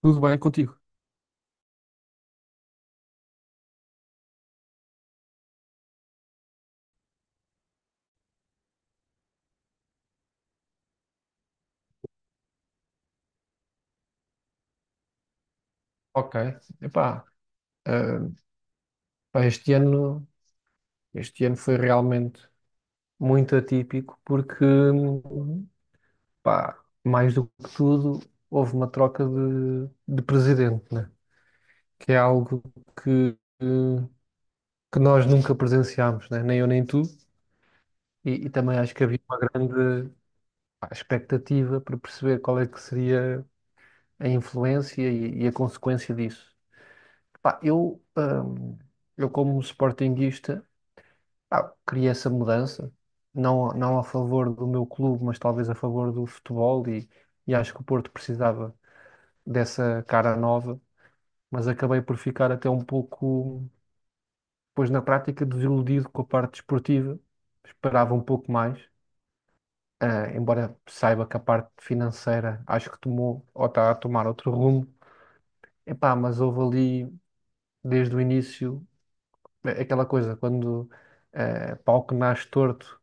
Tudo bem contigo? Ok. Epá, ah, pá, este ano foi realmente muito atípico porque, pá, mais do que tudo, houve uma troca de presidente, né? Que é algo que, que nós nunca presenciámos, né? Nem eu nem tu. E também acho que havia uma grande, pá, expectativa para perceber qual é que seria a influência e a consequência disso. Pá, eu como sportinguista queria essa mudança, não, não a favor do meu clube, mas talvez a favor do futebol e acho que o Porto precisava dessa cara nova, mas acabei por ficar até um pouco, pois na prática, desiludido com a parte desportiva, esperava um pouco mais, embora saiba que a parte financeira acho que tomou, ou está a tomar outro rumo, epá, mas houve ali desde o início aquela coisa, quando pau que nasce torto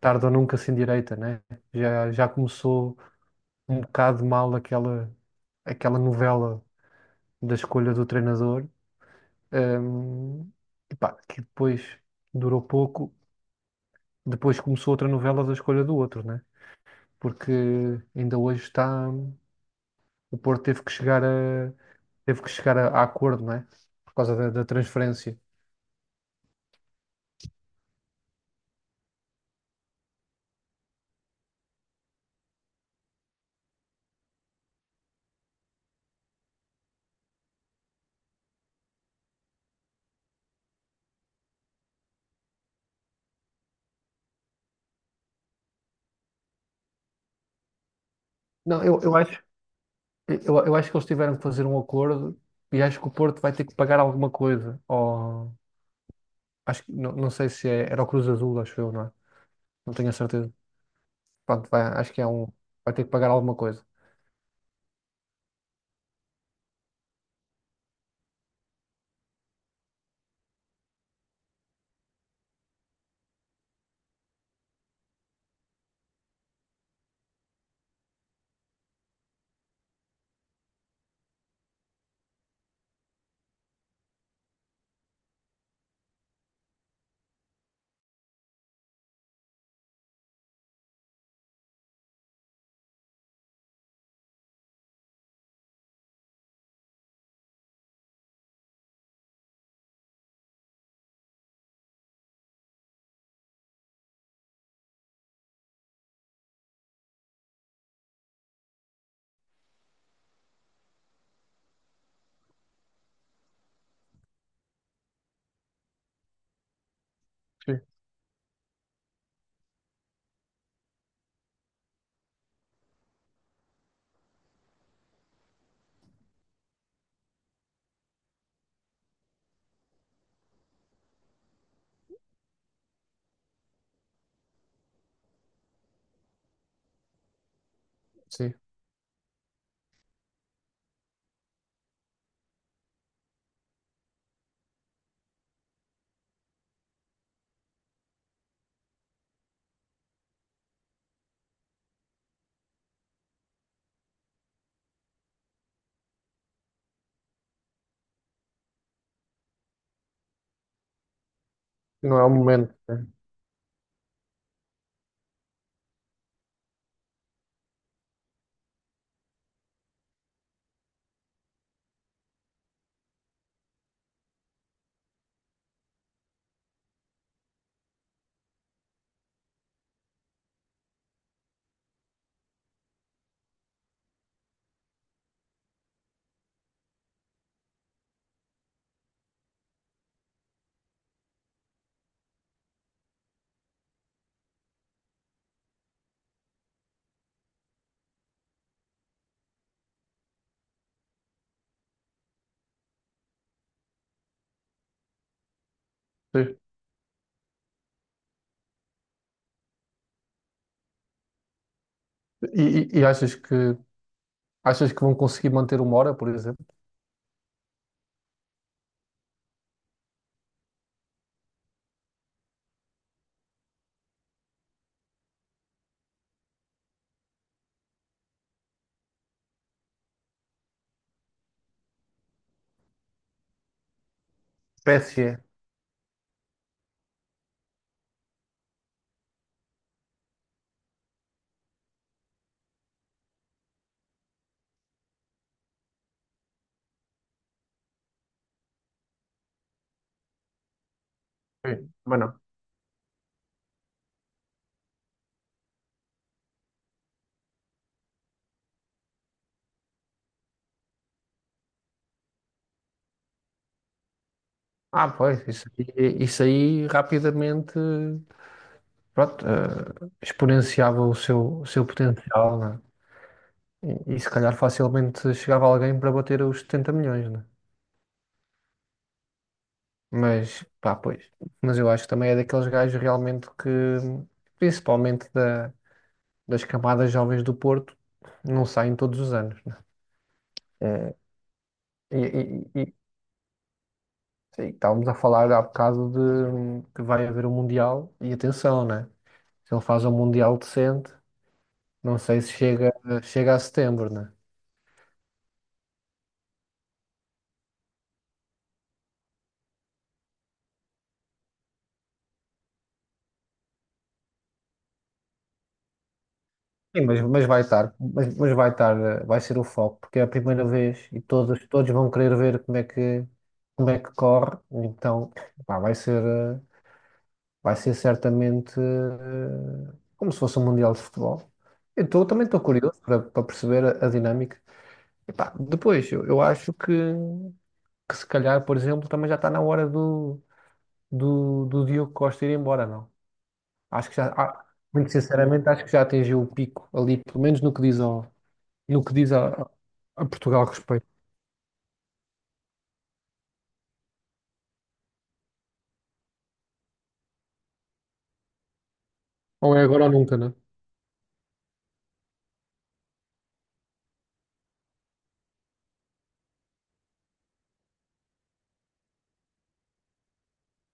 tarde ou nunca sem direita, né? Já começou um bocado mal aquela novela da escolha do treinador. hum, Epá, que depois durou pouco, depois começou outra novela da escolha do outro, né? Porque ainda hoje está. O Porto teve que chegar a acordo, né? Por causa da transferência. Não, eu acho que eles tiveram que fazer um acordo e acho que o Porto vai ter que pagar alguma coisa. Acho que não, não sei se é, era o Cruz Azul, acho eu, não é? Não tenho a certeza. Pronto, vai, acho que é um. Vai ter que pagar alguma coisa. Sim, sim. Não é o momento, né? Sim. E achas que vão conseguir manter uma hora, por exemplo? PSG. Sim, mas não. Ah, pois, isso aí rapidamente pronto, exponenciava o seu potencial, né? E se calhar facilmente chegava alguém para bater os 70 milhões, né? Mas, pá, pois. Mas eu acho que também é daqueles gajos realmente que, principalmente da, das camadas jovens do Porto, não saem todos os anos, né? É, e, e- e- sim, estávamos a falar há bocado de que vai haver um Mundial, e atenção, né? Se ele faz um Mundial decente, não sei se chega, a setembro, né? Sim, mas vai estar, vai ser o foco, porque é a primeira vez e todos vão querer ver como é que corre, então, pá, vai ser certamente como se fosse um Mundial de Futebol. Eu também estou curioso para perceber a dinâmica. Epá, depois, eu acho que se calhar, por exemplo, também já está na hora do Diogo Costa ir embora, não? Acho que já, muito sinceramente, acho que já atingiu o pico ali, pelo menos no que diz, no que diz a Portugal a respeito. Ou é agora ou nunca, não é?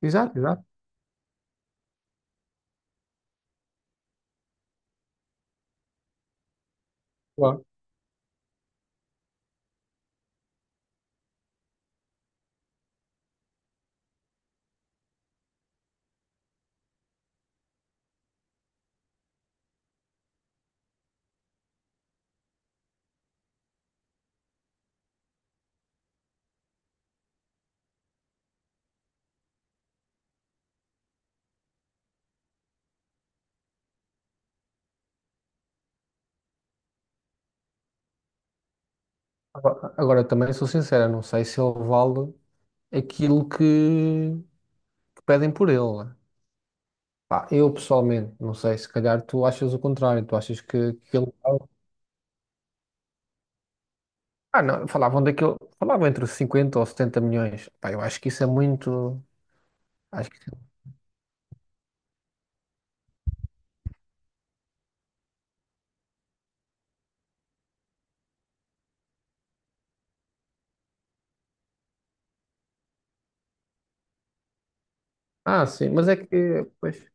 Exato, exato. Claro. Agora também sou sincero, não sei se ele vale aquilo que pedem por ele, né? Pá, eu pessoalmente, não sei, se calhar tu achas o contrário, tu achas que ele... Ah, não, falavam entre 50 ou 70 milhões. Pá, eu acho que isso é muito... Acho que... Ah, sim, mas é que... Pois,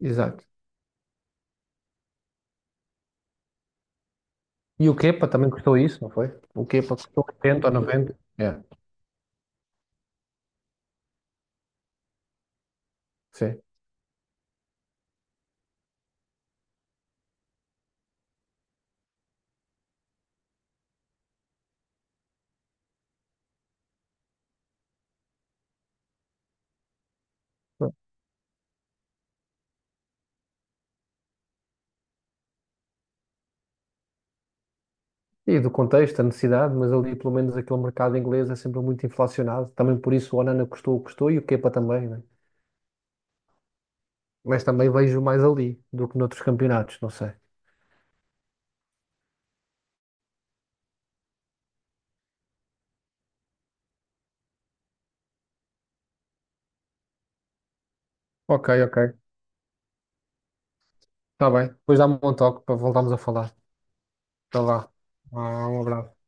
exato. E o Kepa também custou isso, não foi? O Kepa custou 80 ou 90. É, sim. E do contexto, a necessidade, mas ali pelo menos aquele mercado inglês é sempre muito inflacionado. Também por isso o Onana custou o que custou e o Kepa também, né? Mas também vejo mais ali do que noutros campeonatos, não sei. Ok, ok. Está bem. Depois dá-me um toque para voltarmos a falar. Até lá. Ah, um abraço.